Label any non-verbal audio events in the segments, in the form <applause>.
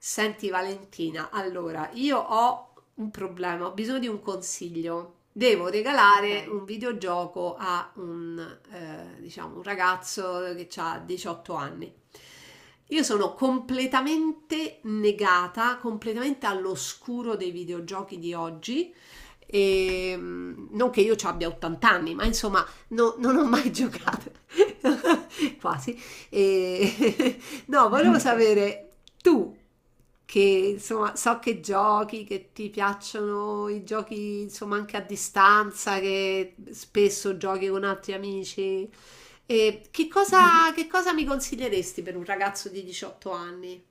Senti Valentina, allora io ho un problema, ho bisogno di un consiglio. Devo regalare, Ok, un videogioco a diciamo, un ragazzo che ha 18 anni. Io sono completamente negata, completamente all'oscuro dei videogiochi di oggi. E, non che io ci abbia 80 anni, ma insomma, non ho mai giocato. <laughs> Quasi. E, <laughs> no, volevo sapere, tu che insomma so che giochi, che ti piacciono i giochi insomma anche a distanza, che spesso giochi con altri amici, e che cosa mi consiglieresti per un ragazzo di 18 anni?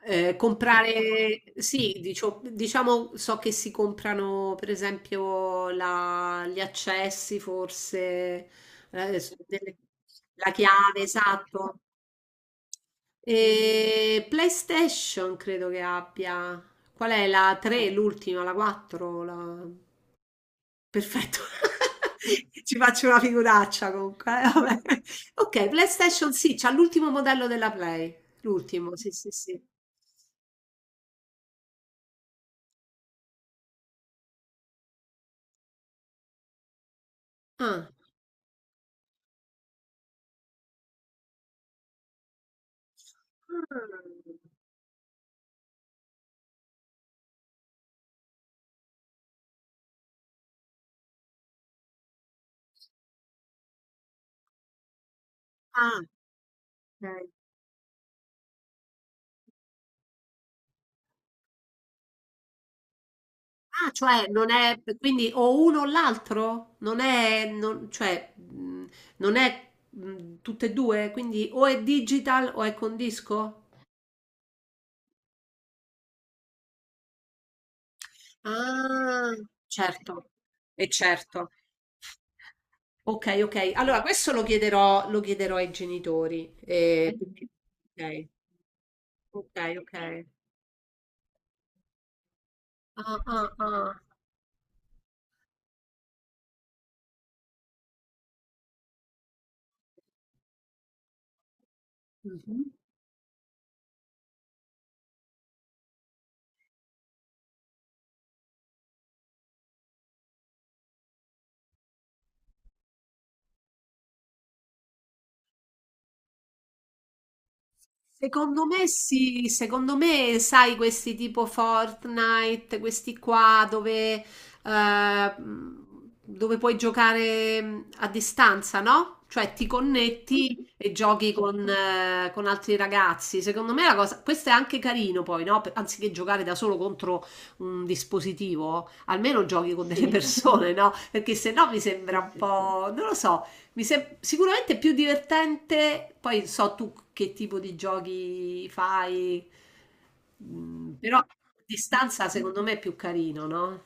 Comprare, sì, diciamo, so che si comprano per esempio gli accessi, forse, eh, su delle- la chiave, esatto. E PlayStation credo che abbia. Qual è la 3, l'ultima, la 4? La. Perfetto. <laughs> Ci faccio una figuraccia comunque. Eh, vabbè. Ok, PlayStation sì, c'ha l'ultimo modello della Play. L'ultimo, sì, sì, sì. Ah. Ah, ok. Ah, cioè non è quindi o uno o l'altro? Non è, cioè, non è tutte e due, quindi o è digital o è con disco? Ah, certo, e certo. Ok, ok. Allora, questo lo chiederò ai genitori. Ok, ok, ok. Ah, ah, ah. Mhm. Secondo me sì, secondo me sai questi tipo Fortnite, questi qua eh, dove puoi giocare a distanza, no? Cioè ti connetti e giochi con altri ragazzi. Secondo me la cosa, questo è anche carino poi, no? Anziché giocare da solo contro un dispositivo, almeno giochi con delle, sì, persone, no? <laughs> Perché se no mi sembra un, sì, sì, po', non lo so, sicuramente più divertente, poi so tu che tipo di giochi fai, però a distanza secondo me è più carino, no?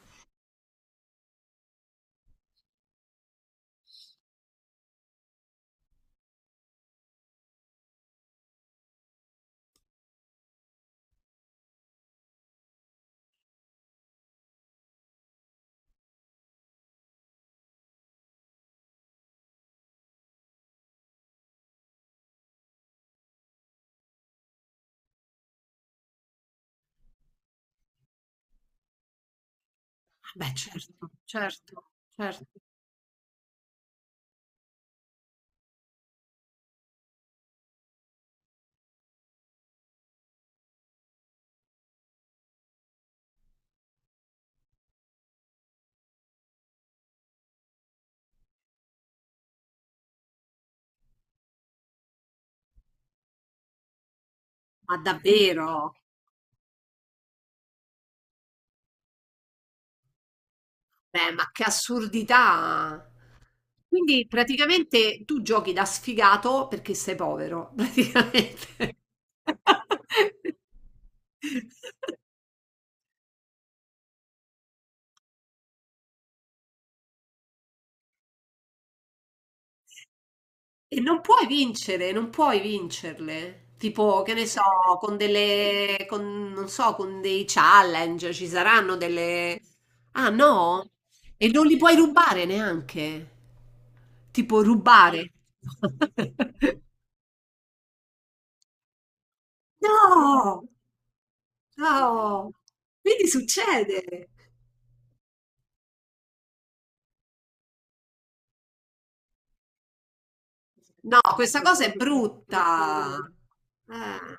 Beh, certo, certo, certo. Ma davvero? Beh, ma che assurdità! Quindi praticamente tu giochi da sfigato perché sei povero, praticamente. <laughs> E non puoi vincere, non puoi vincerle. Tipo, che ne so, con delle, con, non so, con dei challenge ci saranno delle. Ah, no? E non li puoi rubare neanche. Tipo rubare. <laughs> No! No! Quindi succede. No, questa cosa è brutta. Eh,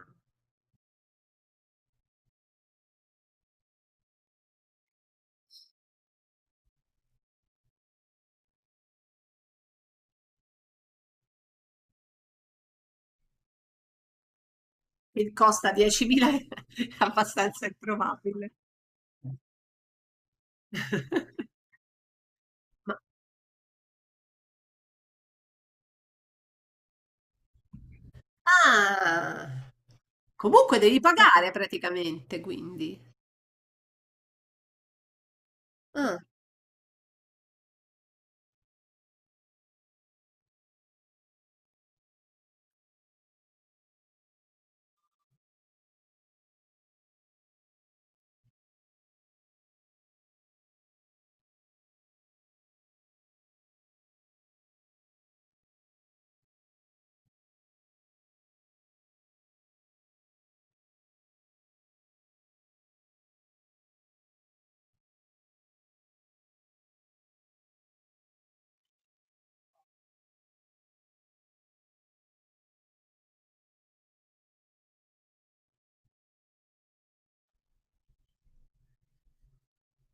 che costa 10.000 è <laughs> abbastanza improbabile. <laughs> Ma Ah, comunque devi pagare praticamente, quindi. Ah,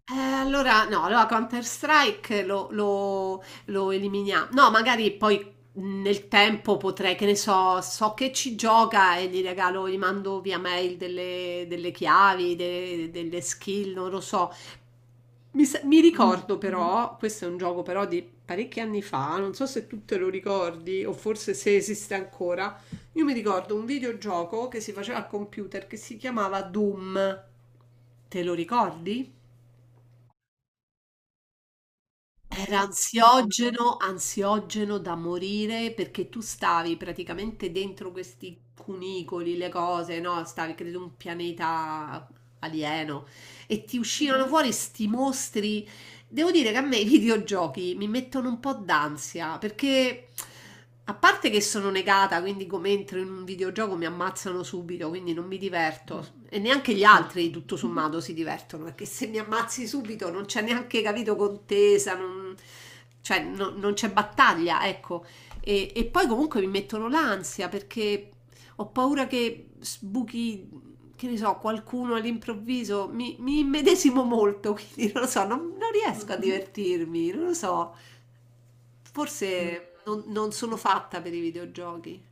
allora no, allora Counter-Strike lo eliminiamo. No, magari poi nel tempo potrei, che ne so, so che ci gioca e gli regalo, gli mando via mail delle chiavi, delle skill, non lo so. Mi ricordo però, questo è un gioco però di parecchi anni fa, non so se tu te lo ricordi o forse se esiste ancora. Io mi ricordo un videogioco che si faceva al computer che si chiamava Doom. Te lo ricordi? Era ansiogeno, ansiogeno da morire perché tu stavi praticamente dentro questi cunicoli, le cose, no? Stavi, credo, un pianeta alieno e ti uscivano fuori sti mostri. Devo dire che a me i <laughs> videogiochi mi mettono un po' d'ansia perché a parte che sono negata, quindi come entro in un videogioco mi ammazzano subito, quindi non mi diverto e neanche gli altri tutto sommato si divertono perché se mi ammazzi subito non c'è neanche capito contesa, non, cioè non c'è battaglia, ecco. E poi comunque mi mettono l'ansia perché ho paura che sbuchi, che ne so, qualcuno all'improvviso, mi immedesimo molto, <laughs> quindi non lo so, non riesco a divertirmi, non lo so, forse non sono fatta per i videogiochi.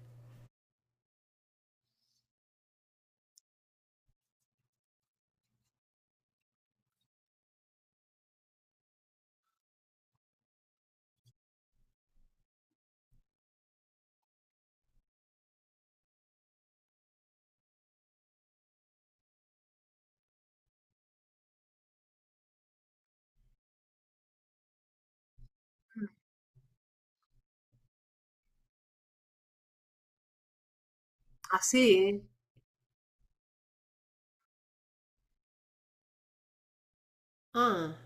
Ah sì? Ah,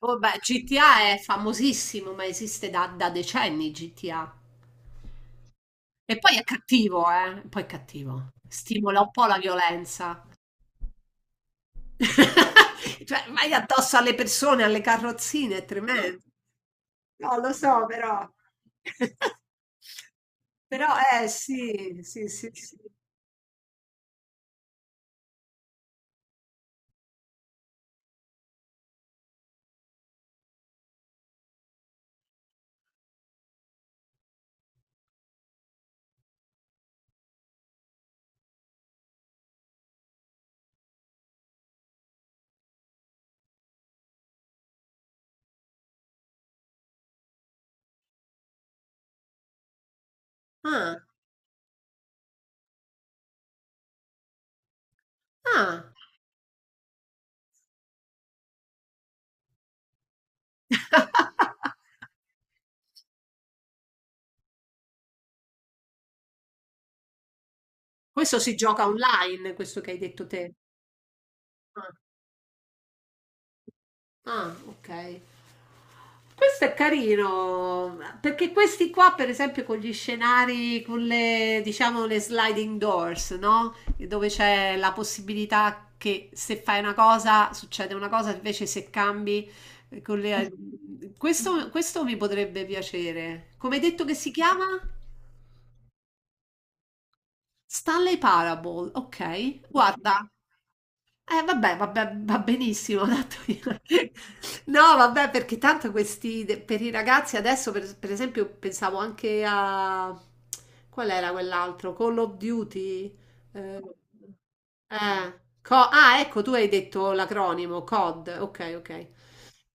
vabbè, GTA è famosissimo, ma esiste da, decenni GTA. E poi è cattivo, eh? Poi è cattivo. Stimola un po' la violenza. <laughs> Cioè, vai addosso alle persone, alle carrozzine, è tremendo. No, lo so, però. <laughs> Però, sì, sì, sì, sì. Ah, ah. <laughs> Questo si gioca online, questo che hai detto te. Ah, ah, ok. Questo è carino, perché questi qua, per esempio, con gli scenari, con le, diciamo, le sliding doors, no? Dove c'è la possibilità che se fai una cosa succede una cosa, invece se cambi, eh, con le- questo mi potrebbe piacere. Come hai detto che si chiama? Stanley Parable, okay. Guarda, vabbè, vabbè, va benissimo tanto io. <laughs> No, vabbè, perché tanto questi de per i ragazzi adesso, per esempio, pensavo anche a, qual era quell'altro? Call of Duty? Ehm, co ah ecco tu hai detto l'acronimo COD, okay, okay.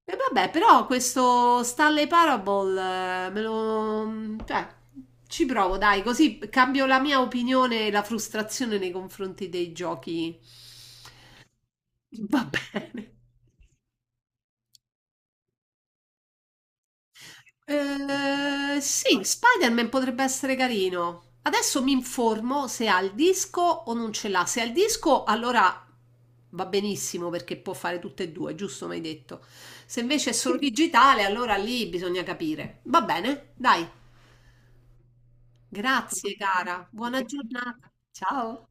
E vabbè, però questo Stanley Parable, me lo. Cioè, ci provo, dai, così cambio la mia opinione e la frustrazione nei confronti dei giochi. Va bene. Sì, Spider-Man potrebbe essere carino. Adesso mi informo se ha il disco o non ce l'ha. Se ha il disco, allora va benissimo perché può fare tutte e due, giusto? Mi hai detto. Se invece è solo digitale, allora lì bisogna capire. Va bene, dai. Grazie cara, buona giornata. Ciao.